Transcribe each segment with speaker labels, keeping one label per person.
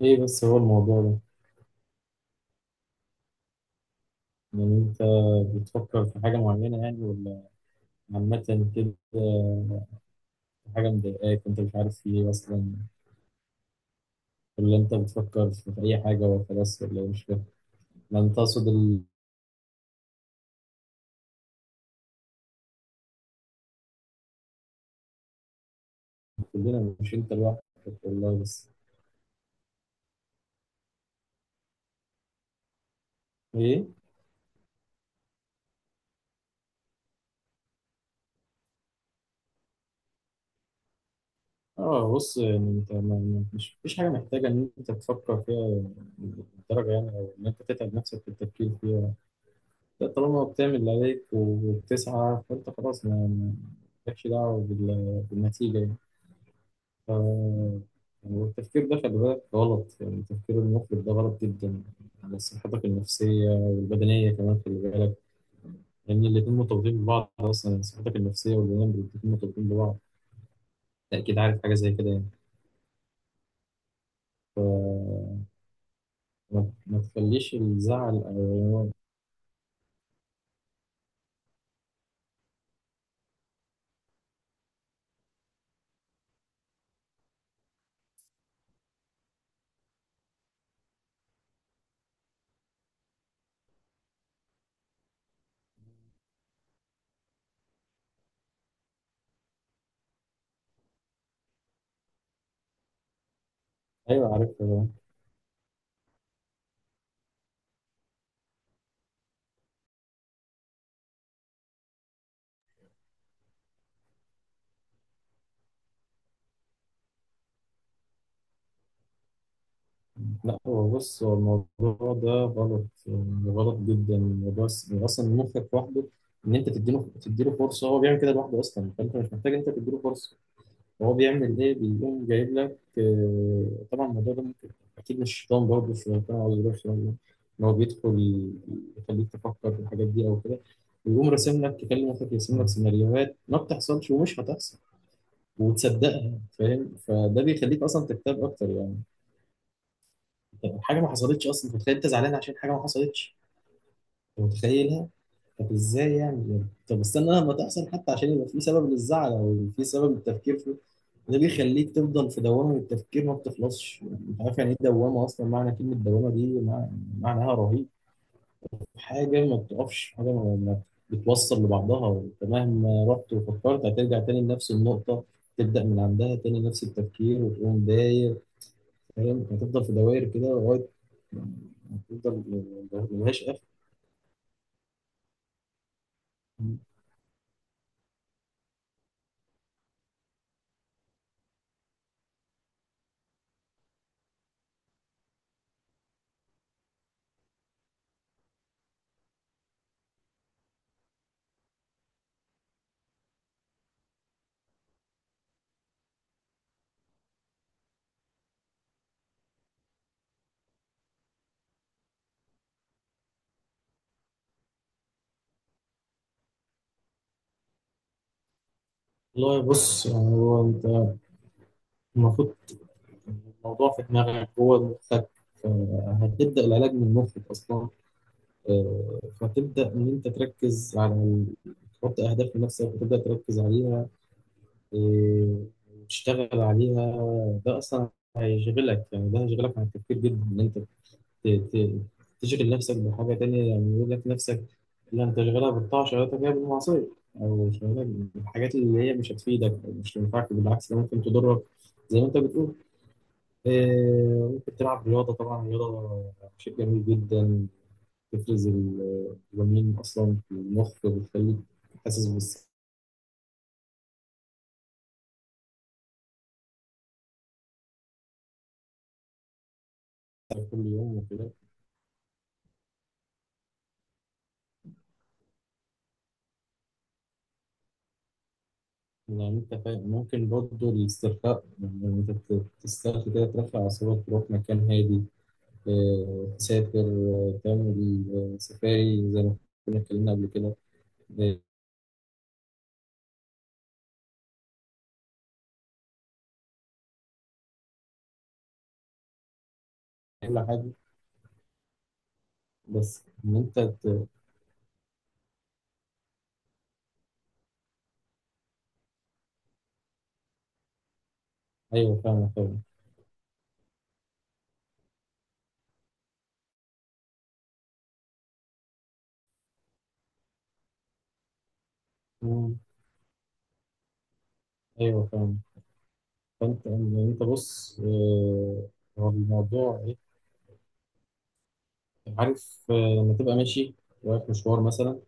Speaker 1: ايه بس هو الموضوع ده؟ يعني انت بتفكر في حاجة معينة يعني ولا عامة كده؟ في حاجة مضايقاك انت مش عارف في ايه اصلا، ولا انت بتفكر في اي حاجة وخلاص ولا إيه؟ مش فاهم. ما انت تقصد كلنا، مش انت لوحدك. والله بس ايه. اه بص، يعني انت مش، مفيش حاجة محتاجة ان انت تفكر فيها بالدرجة، يعني او ان انت تتعب نفسك في التفكير فيها. ده طالما بتعمل اللي عليك وبتسعى فانت خلاص، مالكش دعوة بالنتيجة يعني. ف- يعني التفكير ده، خلي بالك غلط، يعني التفكير المفرط ده غلط جدا على صحتك النفسية والبدنية كمان، خلي بالك. لأن الاتنين مرتبطين ببعض أصلا، يعني صحتك النفسية والبدنية الاتنين مرتبطين ببعض. أنت أكيد عارف حاجة زي كده يعني. فما ما تخليش الزعل أو، أيوه عارفها. لا هو بص، هو الموضوع ده غلط يعني، غلط جدا الموضوع. يعني أصلا مخك لوحده، إن أنت تديله فرصة، هو بيعمل كده لوحده أصلا، فأنت مش محتاج أنت تديله فرصة. هو بيعمل ايه؟ بيقوم جايب لك طبعا الموضوع ده ممكن، اكيد مش شيطان، برضه شيطان او غير شيطان، ان هو بيدخل يخليك تفكر في الحاجات دي او كده، ويقوم راسم لك، يكلمك، يرسم لك سيناريوهات ما بتحصلش ومش هتحصل وتصدقها، فاهم؟ فده بيخليك اصلا تكتب اكتر يعني. حاجه ما حصلتش اصلا، أنت متخيل، انت زعلان عشان حاجه ما حصلتش، أنت متخيل. طب ازاي يعني بجد؟ طب استنى لما تحصل حتى، عشان يبقى في سبب للزعل او في سبب للتفكير فيه. ده بيخليك تفضل في دوامه التفكير، ما بتخلصش، مش عارف يعني ايه دوامه اصلا، معنى كلمه دوامه دي معناها رهيب. حاجه ما بتقفش، حاجه ما بتوصل لبعضها، انت مهما رحت وفكرت هترجع تاني لنفس النقطه، تبدا من عندها تاني نفس التفكير وتقوم داير، فاهم؟ هتفضل في دوائر كده لغايه ما- ما- هتفضل، ملهاش اخر. والله بص، يعني هو انت المفروض الموضوع في دماغك، هو مخك، هتبدأ العلاج من مخك أصلا. فتبدأ إن أنت تركز على تحط أهداف لنفسك وتبدأ تركز عليها، آه، وتشتغل عليها. ده أصلا هيشغلك، يعني ده هيشغلك عن التفكير جدا، إن أنت ت- ت- تشغل نفسك بحاجة تانية، يعني يقول لك نفسك لا، أنت شغالها بالطاعة شغالتك هي بالمعصية، أو شغالك بالحاجات اللي هي مش هتفيدك أو مش هتنفعك، بالعكس ده ممكن تضرك، زي ما أنت بتقول. ممكن تلعب رياضة، طبعا الرياضة شيء جميل جدا، بتفرز الدوبامين أصلا في المخ، بتخليك حاسس بالسعادة كل يوم وكده. يعني أنت ممكن برضه الاسترخاء، يعني أنت تسترخي كده، ترفع أعصابك، تروح مكان هادي، تسافر، تعمل سفاري زي ما كنا اتكلمنا قبل كده، آه، كل حاجة. بس إن أنت أيوه فاهمة. مم، أيوه فاهمة. فانت يعني انت بص، هو الموضوع ايه؟ عارف، لما تبقى ماشي رايح مشوار مثلا،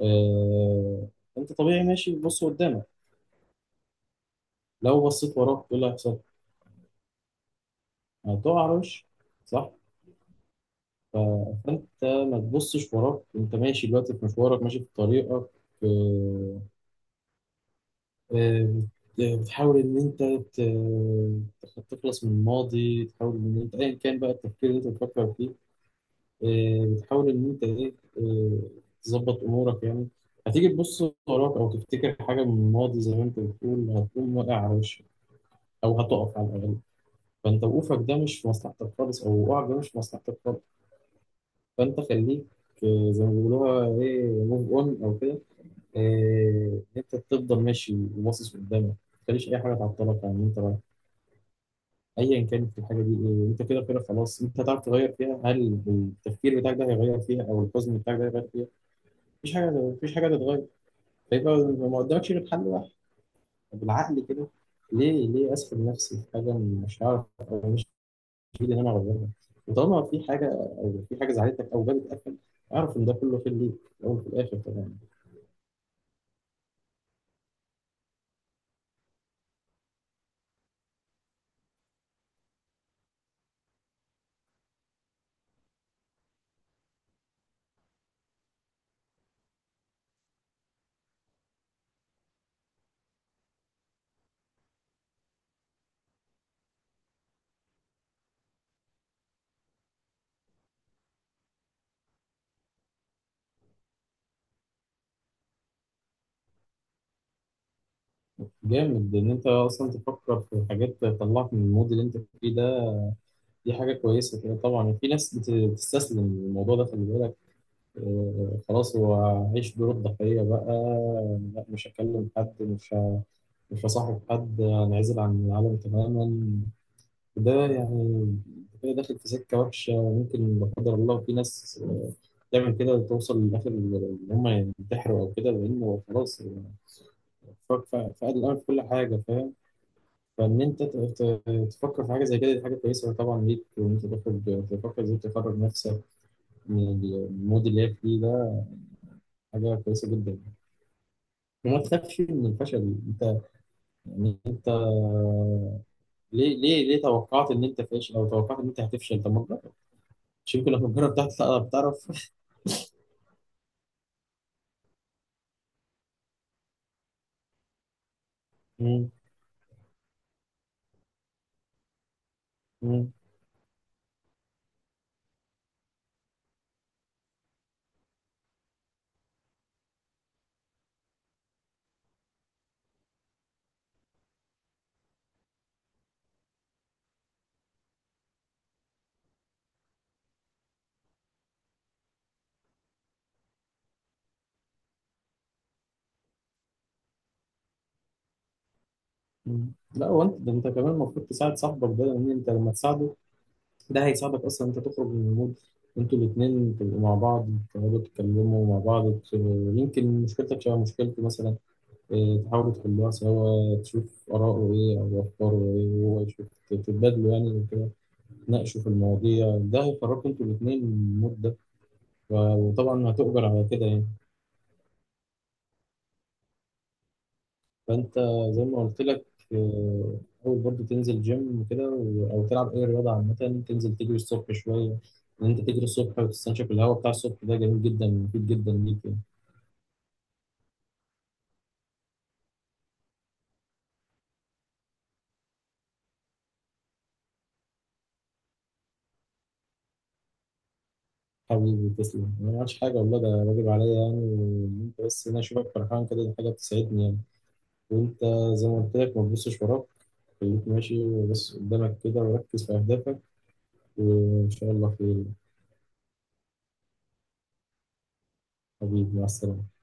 Speaker 1: آه، انت طبيعي ماشي بتبص قدامك، لو بصيت وراك ايه اللي هيحصل؟ هتقع على وشك، صح؟ ف- فانت ما تبصش وراك، انت ماشي دلوقتي في مشوارك ماشي في طريقك، آه، آه، بتحاول ان انت تخلص من الماضي، تحاول ان انت ايا كان بقى التفكير اللي انت بتفكر فيه، بتحاول إن أنت إيه إيه، تظبط أمورك يعني. هتيجي تبص وراك أو تفتكر حاجة من الماضي زي ما أنت بتقول، هتقوم واقع على وشك أو هتقف على الأقل. فأنت وقوفك ده مش في مصلحتك خالص، أو وقعك ده مش في مصلحتك خالص. فأنت خليك، زي ما بيقولوها إيه، موف أون أو كده، إن أنت تفضل ماشي وباصص قدامك، متخليش أي حاجة تعطلك عن إن أنت رايح، أيا كانت الحاجة دي. إيه أنت كده كده خلاص، أنت هتعرف تغير فيها؟ هل التفكير بتاعك ده هيغير فيها؟ أو الحزن بتاعك ده هيغير فيها؟ مفيش حاجة، مفيش حاجة تتغير. هيبقى ما قدامكش غير حل واحد. طب بالعقل كده، ليه ليه أسفل نفسي في حاجة مش هعرف، أو مش في إيدي إن أنا أغيرها؟ وطالما في حاجة أو في حاجة زعلتك أو جابت أكل، أعرف إن ده كله في ليك في الأول وفي الآخر طبعا. جامد إن أنت أصلا تفكر في حاجات تطلعك من المود اللي أنت فيه ده، دي حاجة كويسة كده. طبعا في ناس بتستسلم الموضوع ده، خلي بالك، خلاص هو عيش دور الضحية بقى. لا مش هكلم حد، مش فصاحب حد، انعزل عن العالم تماما. ده يعني كده داخل في سكة وحشة، ممكن لا قدر الله في ناس تعمل كده توصل لآخر إن هم ينتحروا أو كده، لأنه خلاص فقد الأمل في كل حاجة، فاهم؟ فإن أنت تفكر في حاجة زي كده، دي حاجة كويسة طبعا ليك، وإن أنت تخرج تفكر إزاي تخرج نفسك من المود اللي هي فيه ده، حاجة كويسة جدا. وما تخافش من الفشل أنت يعني، ليه ليه توقعت إن أنت فاشل أو توقعت إن أنت هتفشل؟ طب ما شريك الأفكار بتاعتك، لا بتعرف. مم. مم. مم. لا هو انت، ده انت كمان المفروض تساعد صاحبك ده، لان انت لما تساعده ده هيساعدك اصلا انت تخرج من المود. انتوا الاثنين تبقوا مع بعض، تقعدوا تتكلموا مع بعض يمكن مشكلتك شبه مشكلتي مثلا، اه، تحاولوا تحلوها سوا، تشوف آراءه ايه او افكاره ايه، وهو يشوف، تتبادلوا يعني وكده، تناقشوا في المواضيع، ده هيخرجكم انتوا الاثنين من المود ده. وطبعا هتؤجر على كده يعني. فانت زي ما قلت لك، آه، اول برضه تنزل جيم وكده او تلعب اي رياضه عامه، تنزل تجري الصبح شويه، ان انت تجري الصبح وتستنشق الهواء بتاع الصبح، ده جميل جدا مفيد جدا ليك يعني. حبيبي تسلم، أنا ما عملتش حاجه والله، ده واجب عليا يعني، وإن انت بس، إن انا اشوفك فرحان كده دي حاجه بتسعدني يعني. وانت زي ما قلت لك، ما تبصش وراك، خليك ماشي وبص قدامك كده، وركز في اهدافك، وان شاء الله خير. حبيبي مع السلامه.